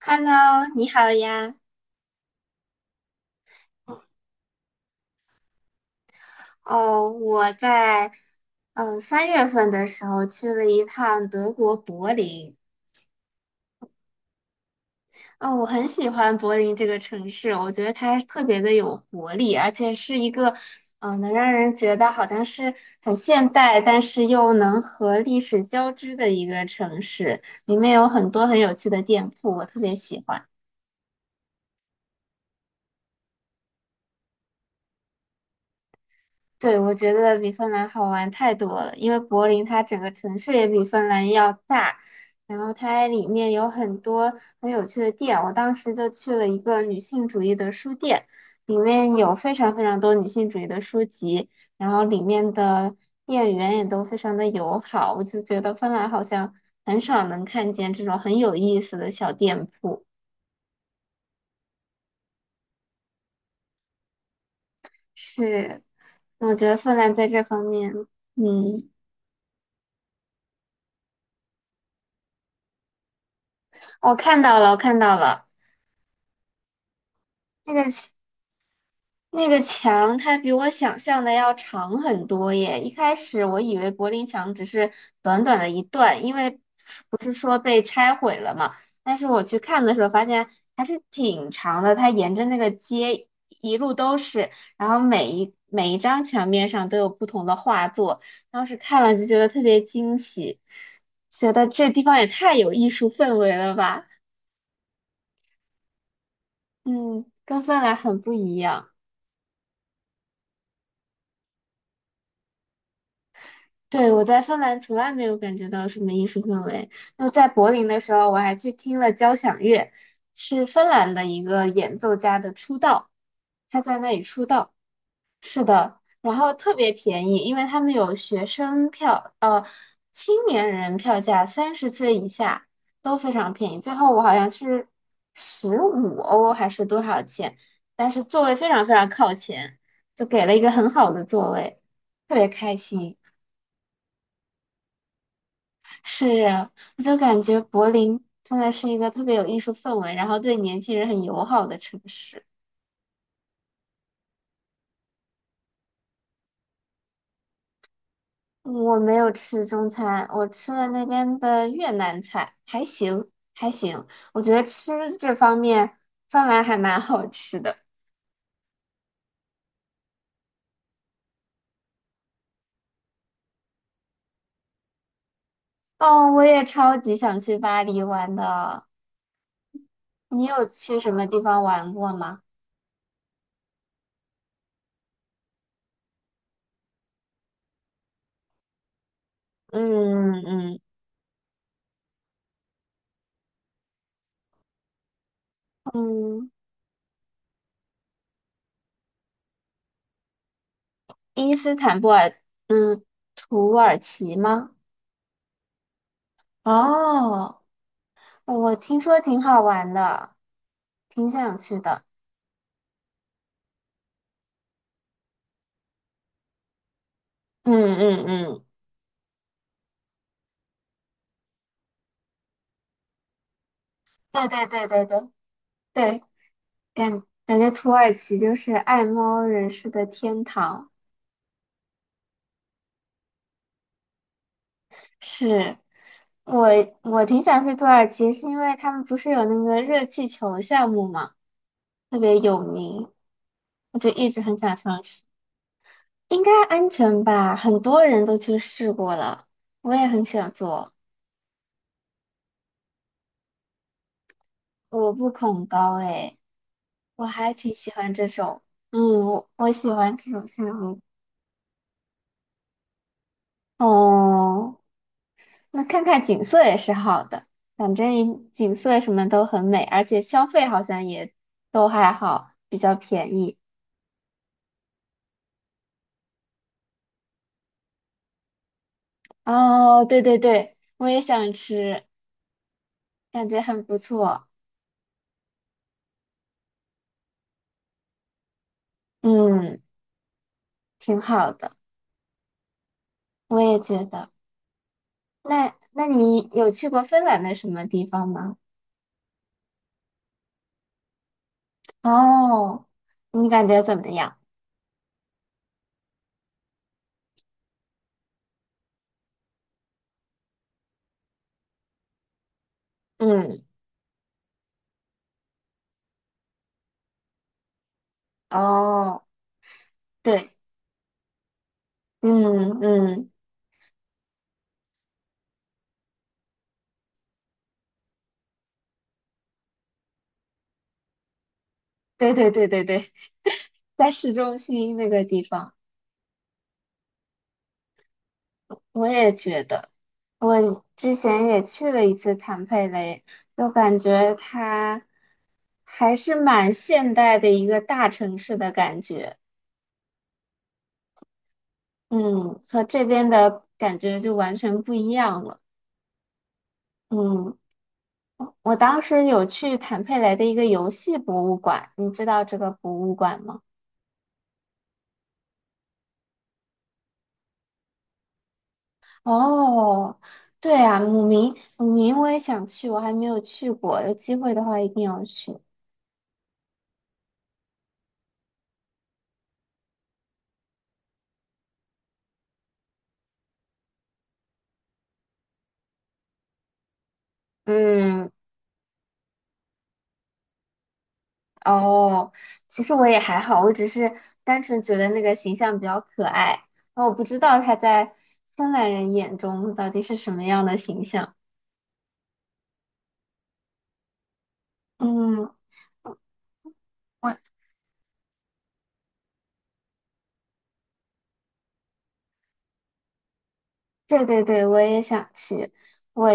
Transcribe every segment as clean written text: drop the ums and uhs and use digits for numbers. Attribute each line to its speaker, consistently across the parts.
Speaker 1: Hello，你好呀。哦，我在3月份的时候去了一趟德国柏林。嗯，我很喜欢柏林这个城市，我觉得它特别的有活力，而且是一个能让人觉得好像是很现代，但是又能和历史交织的一个城市。里面有很多很有趣的店铺，我特别喜欢。对，我觉得比芬兰好玩太多了，因为柏林它整个城市也比芬兰要大，然后它里面有很多很有趣的店。我当时就去了一个女性主义的书店，里面有非常非常多女性主义的书籍，然后里面的店员也都非常的友好，我就觉得芬兰好像很少能看见这种很有意思的小店铺。是，我觉得芬兰在这方面，嗯，我看到了，我看到了。那个那个墙它比我想象的要长很多耶！一开始我以为柏林墙只是短短的一段，因为不是说被拆毁了嘛。但是我去看的时候发现还是挺长的，它沿着那个街一路都是，然后每一张墙面上都有不同的画作，当时看了就觉得特别惊喜，觉得这地方也太有艺术氛围了吧！嗯，跟芬兰很不一样。对，我在芬兰从来没有感觉到什么艺术氛围。就在柏林的时候，我还去听了交响乐，是芬兰的一个演奏家的出道，他在那里出道。是的，然后特别便宜，因为他们有学生票，青年人票价30岁以下都非常便宜。最后我好像是15欧还是多少钱，但是座位非常非常靠前，就给了一个很好的座位，特别开心。是啊，我就感觉柏林真的是一个特别有艺术氛围，然后对年轻人很友好的城市。我没有吃中餐，我吃了那边的越南菜，还行还行。我觉得吃这方面芬兰还蛮好吃的。哦，我也超级想去巴黎玩的。你有去什么地方玩过吗？嗯嗯嗯，伊斯坦布尔，嗯，土耳其吗？哦。哦我听说挺好玩的，挺想去的。嗯嗯嗯，对对对对对对，感觉土耳其就是爱猫人士的天堂。是，我我挺想去土耳其，是因为他们不是有那个热气球项目嘛，特别有名，我就一直很想尝试。应该安全吧？很多人都去试过了，我也很想做，我不恐高诶。我还挺喜欢这种，嗯，我喜欢这种项目。哦，那看看景色也是好的，反正景色什么都很美，而且消费好像也都还好，比较便宜。哦，对对对，我也想吃，感觉很不错，嗯，挺好的，我也觉得。那那你有去过芬兰的什么地方吗？哦，你感觉怎么样？嗯，哦，对。嗯嗯，对对对对对，在市中心那个地方，我也觉得，我之前也去了一次坦佩雷，就感觉它还是蛮现代的一个大城市的感觉，嗯，和这边的感觉就完全不一样了，嗯，我当时有去坦佩雷的一个游戏博物馆，你知道这个博物馆吗？哦，对啊，姆明，姆明我也想去，我还没有去过，有机会的话一定要去。嗯，哦，其实我也还好，我只是单纯觉得那个形象比较可爱，然后我不知道他在芬兰人眼中到底是什么样的形象。嗯，我对对对，我也想去。我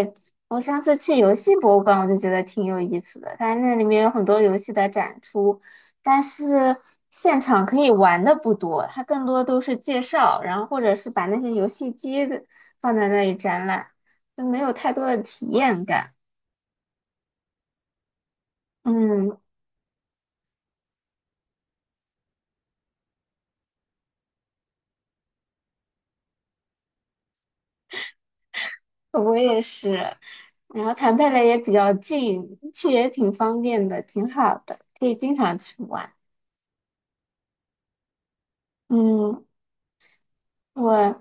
Speaker 1: 我上次去游戏博物馆，我就觉得挺有意思的。它那里面有很多游戏的展出，但是现场可以玩的不多，它更多都是介绍，然后或者是把那些游戏机的放在那里展览，就没有太多的体验感。嗯，我也是。然后谈贝勒也比较近，去也挺方便的，挺好的，可以经常去玩。嗯，我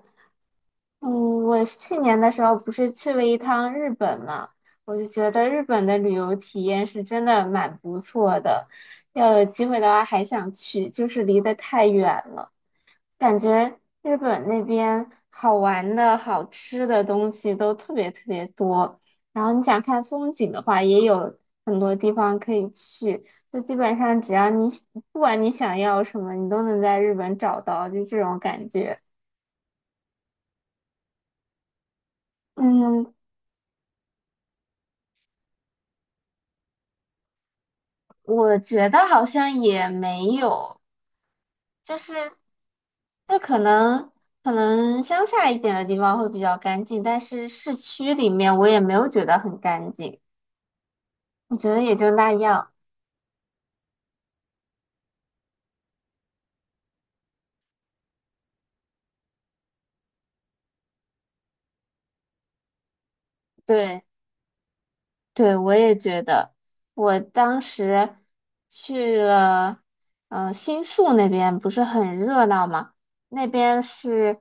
Speaker 1: 嗯，我去年的时候不是去了一趟日本嘛，我就觉得日本的旅游体验是真的蛮不错的，要有机会的话还想去，就是离得太远了，感觉日本那边好玩的好吃的东西都特别特别多，然后你想看风景的话，也有很多地方可以去，就基本上只要你不管你想要什么，你都能在日本找到，就这种感觉。嗯，我觉得好像也没有，就是就可能乡下一点的地方会比较干净，但是市区里面我也没有觉得很干净，我觉得也就那样。对。对，我也觉得，我当时去了，新宿那边不是很热闹吗？那边是，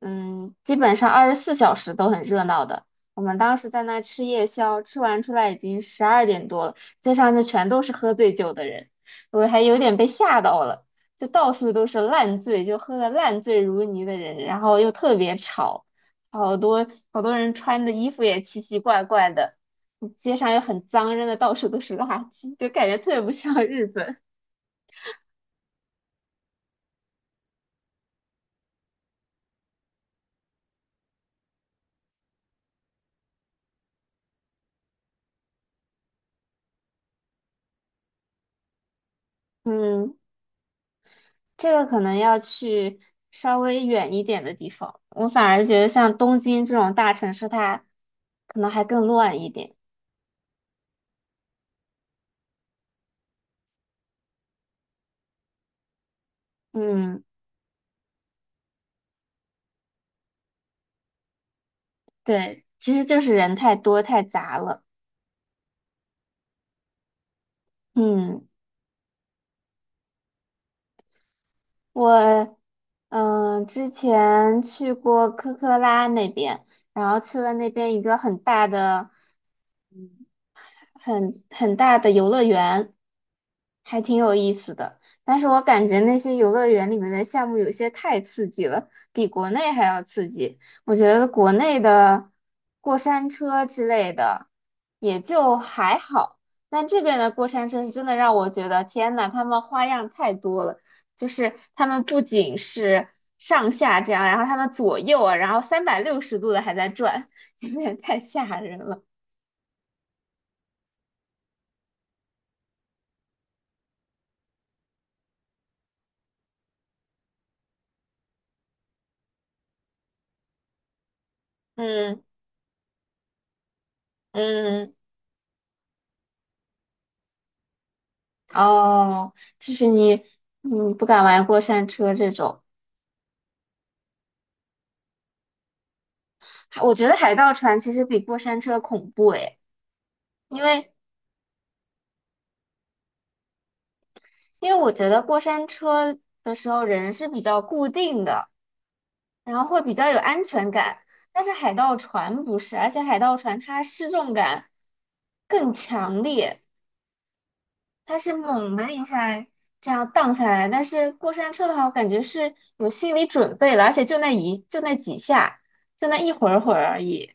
Speaker 1: 嗯，基本上24小时都很热闹的。我们当时在那吃夜宵，吃完出来已经12点多了，街上就全都是喝醉酒的人，我还有点被吓到了，就到处都是烂醉，就喝的烂醉如泥的人，然后又特别吵，好多好多人穿的衣服也奇奇怪怪的。街上又很脏，扔的到处都是垃圾，就感觉特别不像 日本。嗯，这个可能要去稍微远一点的地方。我反而觉得像东京这种大城市，它可能还更乱一点。嗯，对，其实就是人太多太杂了。嗯，我嗯之前去过科科拉那边，然后去了那边一个很大的、很大的游乐园。还挺有意思的。但是我感觉那些游乐园里面的项目有些太刺激了，比国内还要刺激。我觉得国内的过山车之类的也就还好，但这边的过山车是真的让我觉得天呐，他们花样太多了。就是他们不仅是上下这样，然后他们左右啊，然后360度的还在转，有点太吓人了。嗯嗯。哦，就是你，嗯，不敢玩过山车这种。还我觉得海盗船其实比过山车恐怖诶，因为因为我觉得过山车的时候人是比较固定的，然后会比较有安全感，但是海盗船不是，而且海盗船它失重感更强烈。它是猛的一下这样荡下来，但是过山车的话，我感觉是有心理准备了，而且就那几下，就那一会儿而已。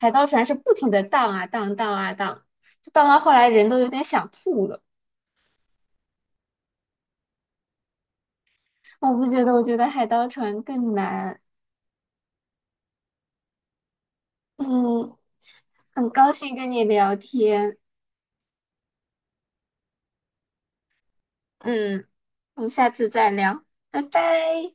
Speaker 1: 海盗船是不停的荡啊荡荡啊荡，就荡到后来人都有点想吐了。我不觉得，我觉得海盗船更难。嗯，很高兴跟你聊天。嗯，我们下次再聊，拜拜。